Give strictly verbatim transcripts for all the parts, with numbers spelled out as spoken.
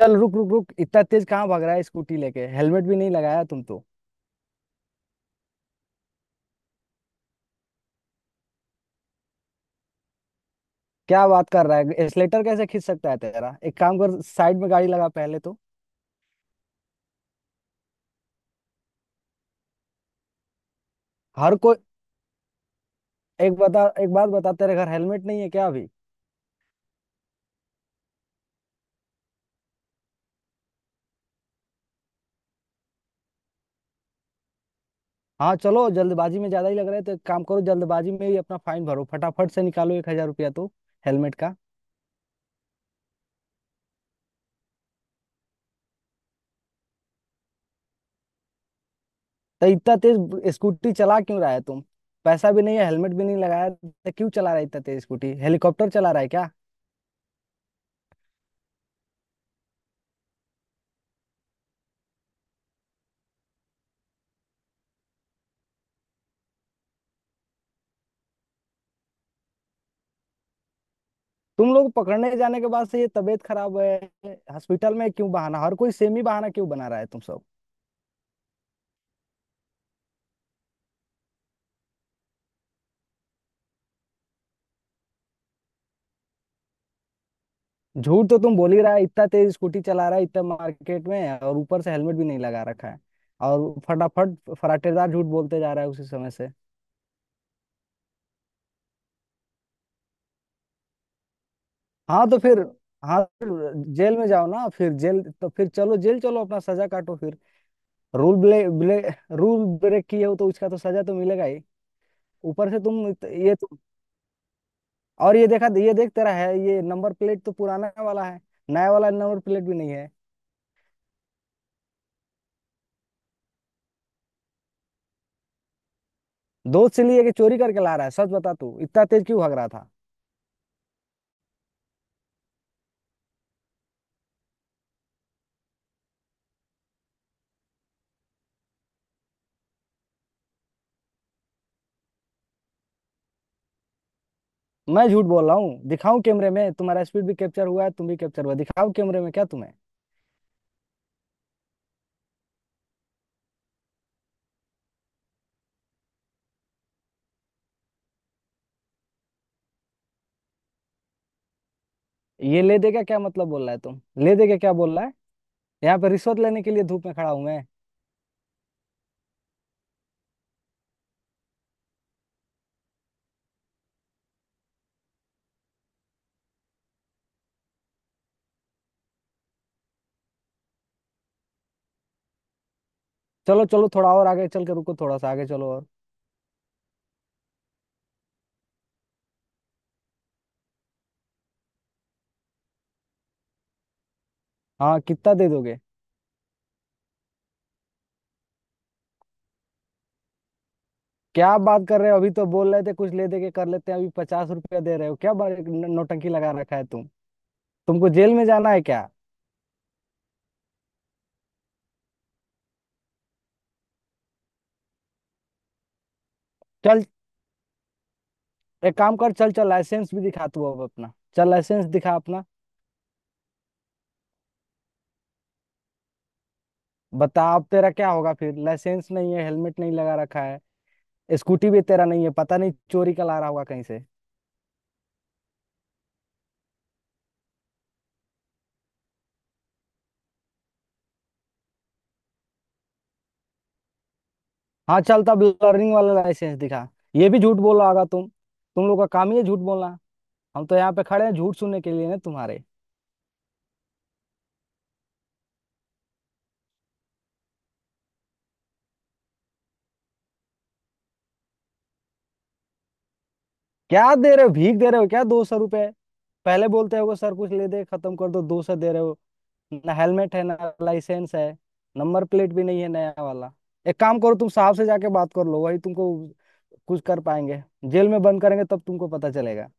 चल, रुक रुक रुक। इतना तेज कहाँ भाग रहा है स्कूटी लेके? हेलमेट भी नहीं लगाया तुम तो। क्या बात कर रहा है? एक्सलेटर कैसे खींच सकता है तेरा? एक काम कर, साइड में गाड़ी लगा पहले तो। हर कोई। एक बता एक बात बता, तेरे घर हेलमेट नहीं है क्या अभी? हाँ, चलो जल्दबाजी में ज्यादा ही लग रहा है तो एक काम करो, जल्दबाजी में ही अपना फाइन भरो। फटाफट से निकालो एक हजार रुपया तो। हेलमेट का। तो इतना तेज स्कूटी चला क्यों रहा है तुम? पैसा भी नहीं है, हेलमेट भी नहीं लगाया तो क्यों चला रहा है इतना तेज स्कूटी? हेलीकॉप्टर चला रहा है क्या? तुम लोग पकड़ने जाने के बाद से ये तबीयत खराब है। हॉस्पिटल में, क्यों बहाना? हर कोई सेम ही बहाना क्यों बना रहा है तुम सब? झूठ तो तुम बोल ही रहा है। इतना तेज स्कूटी चला रहा है इतना मार्केट में, और ऊपर से हेलमेट भी नहीं लगा रखा है। और फटाफट फराटेदार झूठ बोलते जा रहा है उसी समय से। हाँ, तो फिर? हाँ, फिर? जेल में जाओ ना फिर। जेल तो, फिर चलो जेल चलो, अपना सजा काटो फिर। रूल ब्ले, ब्ले रूल ब्रेक किए हो तो उसका तो सजा तो मिलेगा ही। ऊपर से तुम, इत- ये तो। और ये देखा ये देख, तेरा है ये। नंबर प्लेट तो पुराना वाला है। नया वाला नंबर प्लेट भी नहीं है। दोस्त से लिए कि चोरी करके ला रहा है? सच बता तू, इतना तेज क्यों भाग रहा था? मैं झूठ बोल रहा हूँ? दिखाऊं कैमरे में? तुम्हारा स्पीड भी कैप्चर हुआ है, तुम भी कैप्चर हुआ। दिखाओ कैमरे में क्या तुम्हें? ये ले देगा क्या मतलब बोल रहा है तुम? ले देगा क्या बोल रहा है? यहाँ पे रिश्वत लेने के लिए धूप में खड़ा हूं मैं? चलो चलो, थोड़ा और आगे चल के रुको। थोड़ा सा आगे चलो और। हाँ, कितना दे दोगे? क्या बात कर रहे हो? अभी तो बोल रहे थे कुछ ले दे के कर लेते हैं, अभी पचास रुपया दे रहे हो क्या? बड़े न- नौटंकी लगा रखा है तुम। तुमको जेल में जाना है क्या? चल, एक काम कर, चल चल लाइसेंस भी दिखा तू अब अपना। चल लाइसेंस दिखा अपना। बता अब तेरा क्या होगा फिर? लाइसेंस नहीं है, हेलमेट नहीं लगा रखा है। स्कूटी भी तेरा नहीं है, पता नहीं चोरी का ला रहा होगा कहीं से। हाँ चल, तब लर्निंग वाला लाइसेंस दिखा। ये भी झूठ बोल रहा होगा तुम। तुम लोग का काम ही है झूठ बोलना। हम तो यहाँ पे खड़े हैं झूठ सुनने के लिए ना तुम्हारे? क्या दे रहे हो? भीख दे रहे हो क्या? दो सौ रुपए? पहले बोलते हो सर कुछ ले दे खत्म कर दो, दो सौ दे रहे हो। ना हेलमेट है, ना लाइसेंस है, नंबर प्लेट भी नहीं है नया वाला। एक काम करो, तुम साहब से जाके बात कर लो, वही तुमको कुछ कर पाएंगे। जेल में बंद करेंगे तब तुमको पता चलेगा।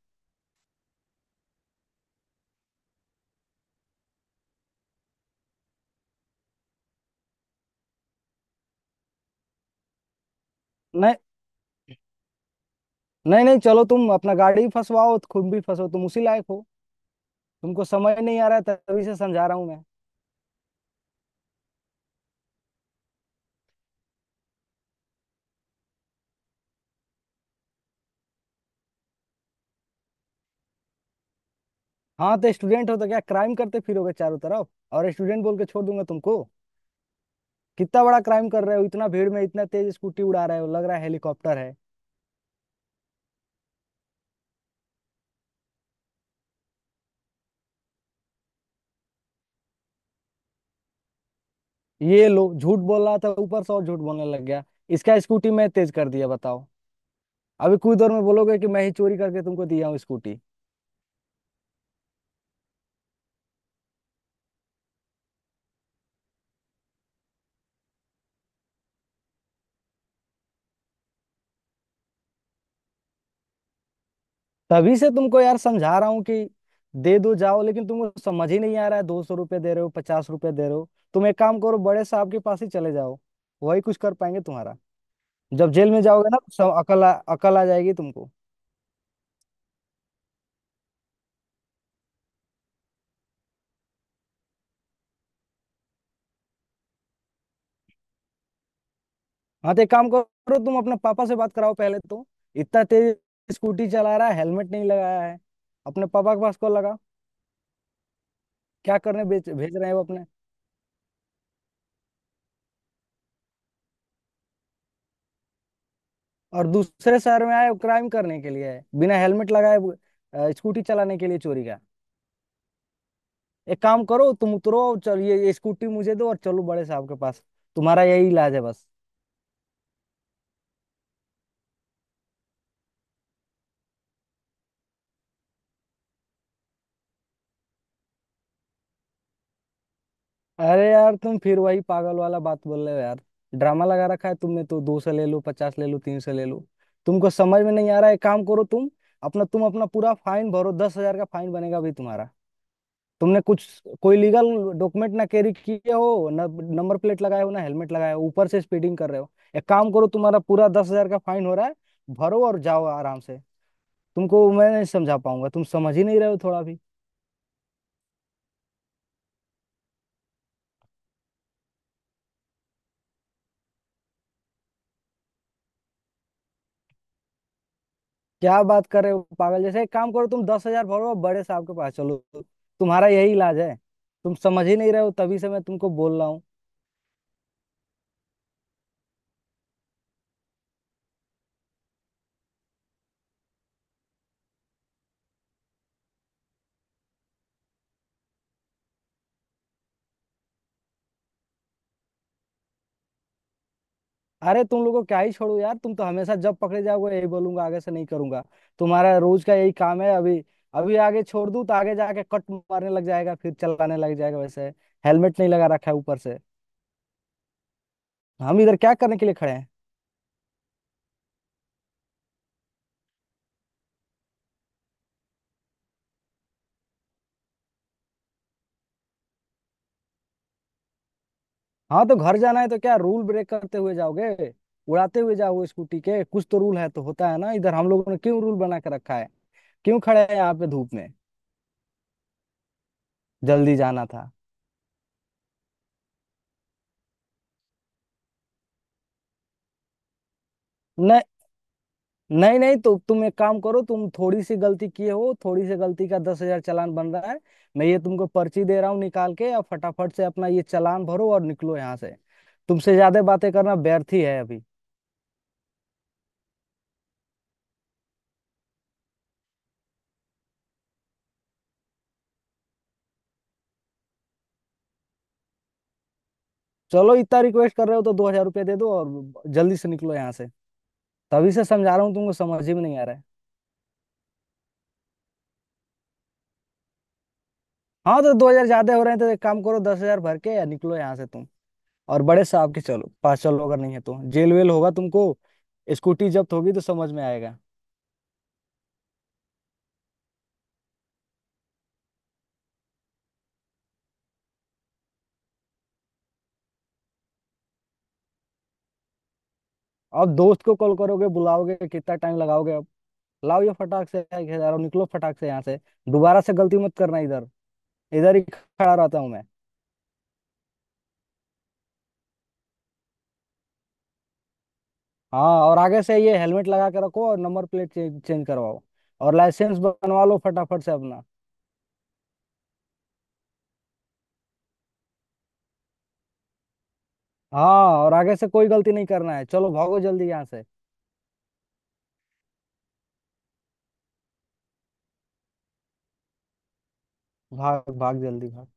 नहीं। नहीं नहीं, चलो तुम अपना गाड़ी फंसवाओ तो खुद भी फंसो, तुम उसी लायक हो। तुमको समझ नहीं आ रहा है, तभी से समझा रहा हूँ मैं। हाँ, तो स्टूडेंट हो तो क्या क्राइम करते फिरोगे चारों तरफ? और स्टूडेंट बोल के छोड़ दूंगा तुमको? कितना बड़ा क्राइम कर रहे हो! इतना भीड़ में इतना तेज स्कूटी उड़ा रहे हो, लग रहा है हेलीकॉप्टर है। ये लो, झूठ बोल रहा था ऊपर से, और झूठ बोलने लग गया। इसका स्कूटी मैं तेज कर दिया बताओ? अभी कुछ देर में बोलोगे कि मैं ही चोरी करके तुमको दिया हूँ स्कूटी। तभी से तुमको यार समझा रहा हूँ कि दे दो जाओ, लेकिन तुमको समझ ही नहीं आ रहा है। दो सौ रुपये दे रहे हो, पचास रुपये दे रहे हो। तुम एक काम करो, बड़े साहब के पास ही चले जाओ, वही कुछ कर पाएंगे तुम्हारा। जब जेल में जाओगे ना तो सब अकल आ, अकल आ जाएगी तुमको। हाँ, तो एक काम करो, तुम अपने पापा से बात कराओ पहले तो। इतना तेज स्कूटी चला रहा है, हेलमेट नहीं लगाया है। अपने पापा के पास कॉल लगा। क्या करने भेज भेज रहे हैं वो अपने? और दूसरे शहर में आए? वो क्राइम करने के लिए आए, बिना हेलमेट लगाए वो, अ, स्कूटी चलाने के लिए चोरी का? एक काम करो, तुम उतरो और चल, ये, ये स्कूटी मुझे दो और चलो बड़े साहब के पास। तुम्हारा यही इलाज है बस। अरे यार, तुम फिर वही पागल वाला बात बोल रहे हो यार। ड्रामा लगा रखा है तुमने तो, दो सौ ले लो, पचास ले लो, तीन सौ ले लो। तुमको समझ में नहीं आ रहा है, काम करो तुम अपना तुम अपना पूरा फाइन भरो, दस हजार का फाइन बनेगा अभी तुम्हारा। तुमने कुछ कोई लीगल डॉक्यूमेंट ना कैरी किए हो, ना नंबर प्लेट लगाए हो, ना हेलमेट लगाए हो, ऊपर से स्पीडिंग कर रहे हो। एक काम करो, तुम्हारा पूरा दस हजार का फाइन हो रहा है, भरो और जाओ आराम से। तुमको मैं नहीं समझा पाऊंगा, तुम समझ ही नहीं रहे हो थोड़ा भी। क्या बात कर रहे हो पागल जैसे? एक काम करो, तुम दस हजार भरो और बड़े साहब के पास चलो, तुम्हारा यही इलाज है। तुम समझ ही नहीं रहे हो तभी से मैं तुमको बोल रहा हूँ। अरे तुम लोगों को क्या ही छोड़ू यार? तुम तो हमेशा जब पकड़े जाओगे यही बोलूंगा आगे से नहीं करूंगा। तुम्हारा रोज का यही काम है अभी। अभी आगे छोड़ दूं तो आगे जाके कट मारने लग जाएगा, फिर चलाने लग जाएगा वैसे। हेलमेट नहीं लगा रखा है ऊपर से। हम इधर क्या करने के लिए खड़े हैं? हाँ, तो घर जाना है तो क्या रूल ब्रेक करते हुए जाओगे? उड़ाते हुए जाओगे स्कूटी के? कुछ तो रूल है तो होता है ना इधर? हम लोगों ने क्यों रूल बना के रखा है? क्यों खड़े हैं यहाँ पे धूप में? जल्दी जाना था। नहीं नहीं, तो तुम एक काम करो, तुम थोड़ी सी गलती किए हो, थोड़ी सी गलती का दस हजार चालान बन रहा है। मैं ये तुमको पर्ची दे रहा हूँ निकाल के, और फटाफट से अपना ये चालान भरो और निकलो यहाँ से। तुमसे ज्यादा बातें करना व्यर्थ ही है अभी। चलो, इतना रिक्वेस्ट कर रहे हो तो दो हजार रुपये दे दो और जल्दी से निकलो यहाँ से। तभी से समझा रहा हूँ, तुमको समझ ही में नहीं आ रहा है। हाँ, तो दो हजार ज्यादा हो रहे हैं तो एक काम करो, दस हजार भर के या निकलो यहाँ से तुम। और बड़े साहब के चलो पास चलो, अगर नहीं है तो जेल वेल होगा तुमको। स्कूटी जब्त होगी तो समझ में आएगा। अब दोस्त को कॉल करोगे, बुलाओगे, कितना टाइम लगाओगे अब? लाओ ये फटाक से यार, निकलो फटाक से यहाँ से। दोबारा से गलती मत करना इधर, इधर ही खड़ा रहता हूँ मैं। हाँ, और आगे से ये हेलमेट लगा के रखो, और नंबर प्लेट चेंज चेंज करवाओ और लाइसेंस बनवा लो फटाफट से अपना। हाँ, और आगे से कोई गलती नहीं करना है, चलो भागो जल्दी यहाँ से। भाग भाग जल्दी भाग।